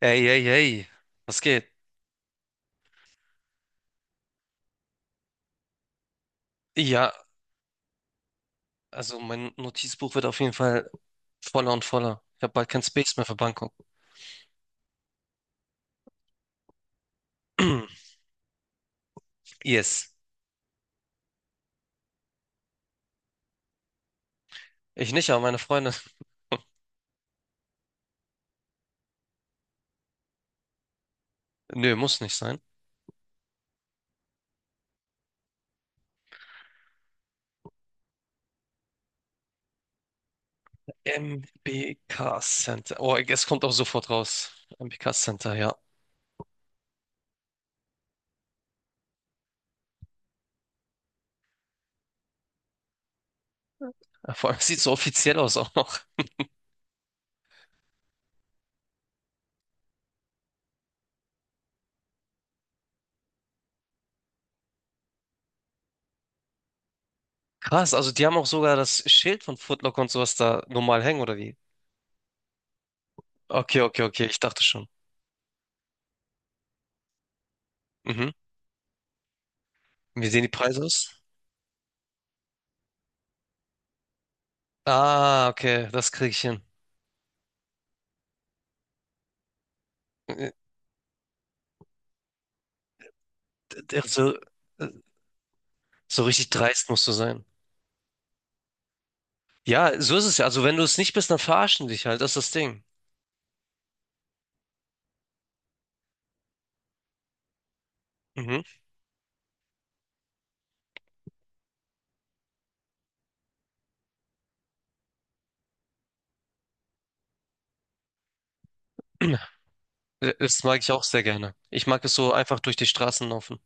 Ey, ey, ey, was geht? Ja, also mein Notizbuch wird auf jeden Fall voller und voller. Ich habe bald kein Space mehr für Bangkok. Yes. Ich nicht, aber meine Freunde. Nö, muss nicht sein. MBK Center. Oh, es kommt auch sofort raus. MBK Center, ja. Ja, vor allem es sieht so offiziell aus auch noch. Krass, also die haben auch sogar das Schild von Foot Locker und sowas da normal hängen, oder wie? Okay, okay, okay, ich dachte schon. Mhm. Wie sehen die Preise aus? Ah, okay, das kriege ich hin. Äh, d- Also, äh, So richtig dreist musst du sein. Ja, so ist es ja. Also wenn du es nicht bist, dann verarschen dich halt. Das ist das Ding. Mhm. Das mag ich auch sehr gerne. Ich mag es so einfach durch die Straßen laufen.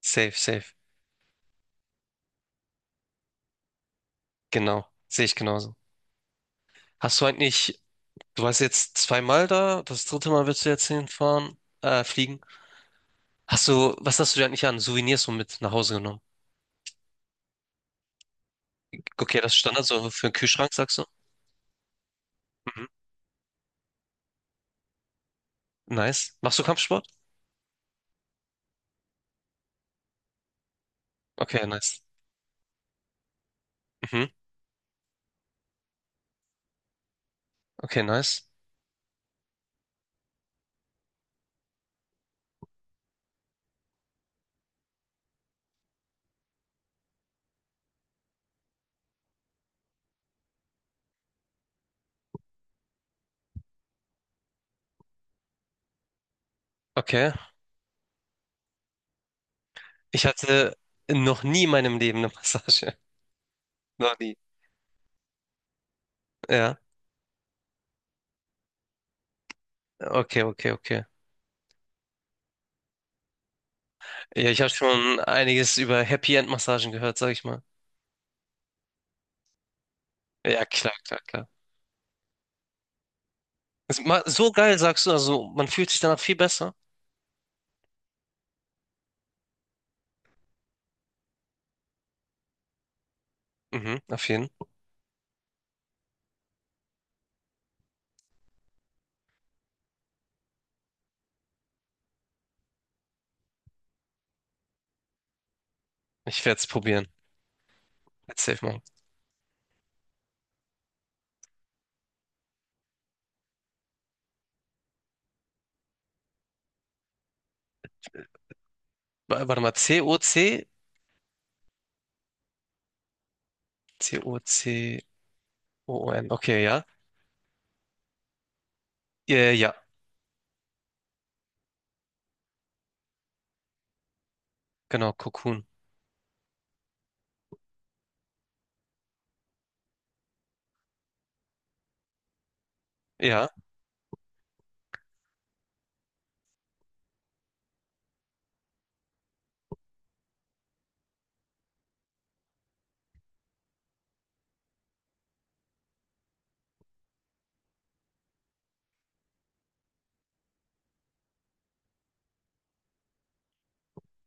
Safe, safe. Genau. Sehe ich genauso. Hast du eigentlich, du warst jetzt zweimal da, das dritte Mal willst du jetzt hinfahren, fliegen. Hast du, was hast du dir eigentlich an Souvenirs so mit nach Hause genommen? Okay, das ist Standard so für den Kühlschrank, sagst du? Mhm. Nice. Machst du Kampfsport? Okay, nice. Mhm. Okay, nice. Okay. Ich hatte noch nie in meinem Leben eine Massage. Noch nie. Ja. Okay, okay, okay. Ja, ich habe schon einiges über Happy End Massagen gehört, sag ich mal. Ja, klar, klar, klar. So geil, sagst du, also man fühlt sich danach viel besser. Mhm, auf jeden. Ich werde es probieren. Let's safe machen. Warte mal, C-O-C? C-O-C-O-O-N. Okay, ja. Ja, ja, ja. Genau, Cocoon. Ja.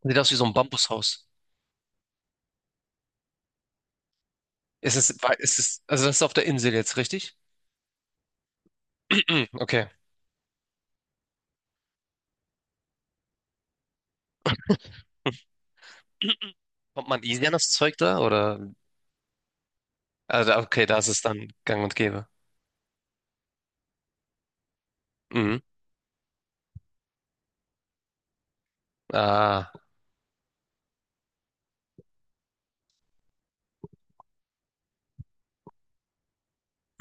Sieht aus wie so ein Bambushaus. Ist es, also das ist auf der Insel jetzt, richtig? Okay. Kommt man easy an das Zeug da? Oder? Also, okay, da ist es dann gang und gäbe. Mhm. Ah.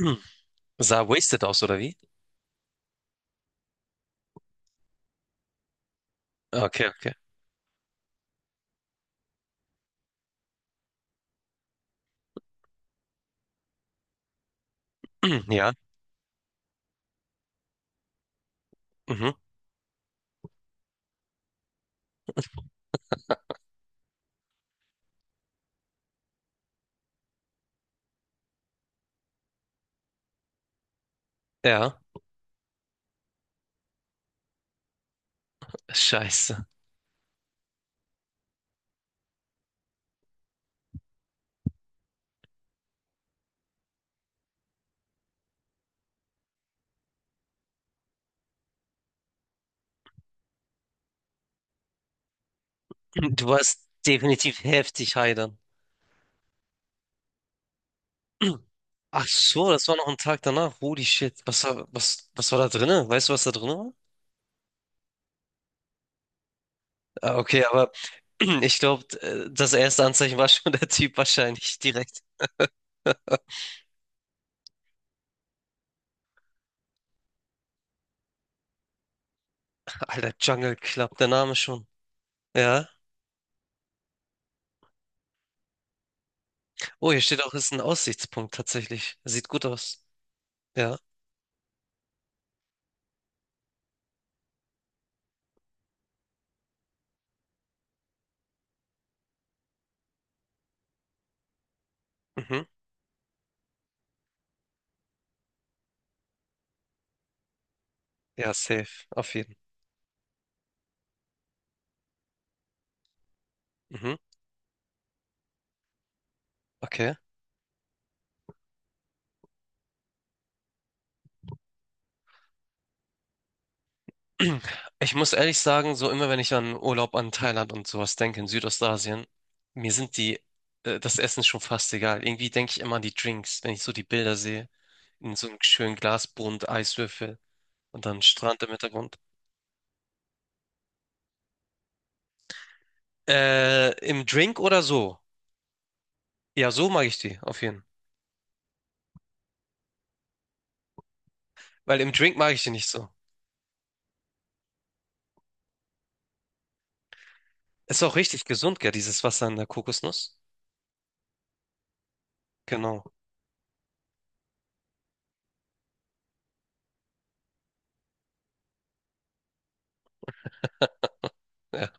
Hm. Sah wasted aus, oder wie? Okay, okay. Hm, ja. Mhm. Ja. Scheiße. Du warst definitiv heftig high dann. Hm. Ach so, das war noch ein Tag danach. Holy shit. Was, was war da drinne? Weißt du, was da drin war? Ah, okay, aber ich glaube, das erste Anzeichen war schon der Typ wahrscheinlich direkt. Alter, Jungle Club, der Name schon. Ja. Oh, hier steht auch, ist ein Aussichtspunkt tatsächlich. Sieht gut aus. Ja, mhm. Ja, safe, auf jeden. Mhm. Okay. Ich muss ehrlich sagen, so immer wenn ich an Urlaub an Thailand und sowas denke, in Südostasien, mir sind die, das Essen schon fast egal. Irgendwie denke ich immer an die Drinks, wenn ich so die Bilder sehe, in so einem schönen Glasbund, Eiswürfel und dann Strand im Hintergrund. Im Drink oder so? Ja, so mag ich die, auf jeden Fall. Weil im Drink mag ich die nicht so. Ist auch richtig gesund, gell, dieses Wasser in der Kokosnuss. Genau, ja,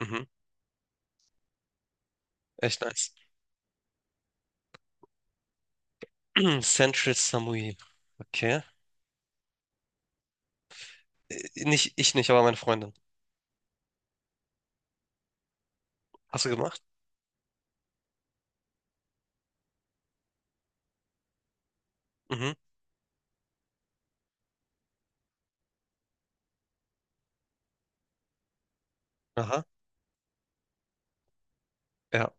mhm. Echt nice. Central Samui. Okay. Nicht, ich nicht, aber meine Freundin. Hast du gemacht? Mhm. Aha. Ja.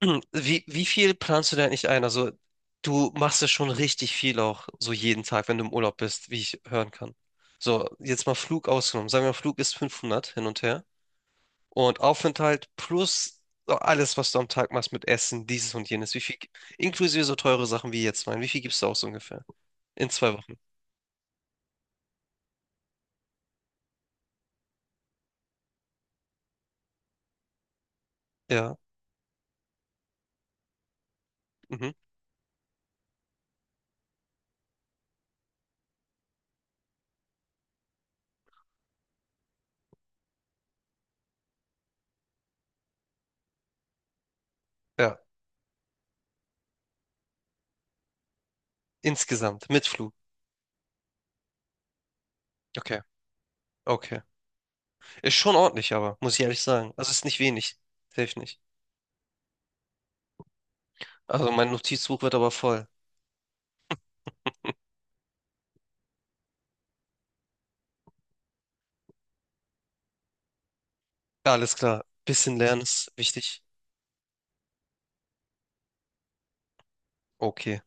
Wie viel planst du denn eigentlich ein? Also, du machst ja schon richtig viel auch, so jeden Tag, wenn du im Urlaub bist, wie ich hören kann. So, jetzt mal Flug ausgenommen. Sagen wir mal, Flug ist 500 hin und her. Und Aufenthalt plus so alles, was du am Tag machst mit Essen, dieses und jenes. Wie viel, inklusive so teure Sachen wie jetzt mein. Wie viel gibst du aus ungefähr? In zwei Wochen. Ja. Mhm. Ja. Insgesamt. Mit Flug. Okay. Okay. Ist schon ordentlich, aber, muss ich ehrlich sagen. Also ist nicht wenig. Hilft nicht. Also mein Notizbuch wird aber voll. Ja, alles klar. Bisschen lernen ist wichtig. Okay.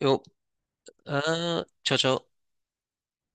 Jo. Ciao, ciao.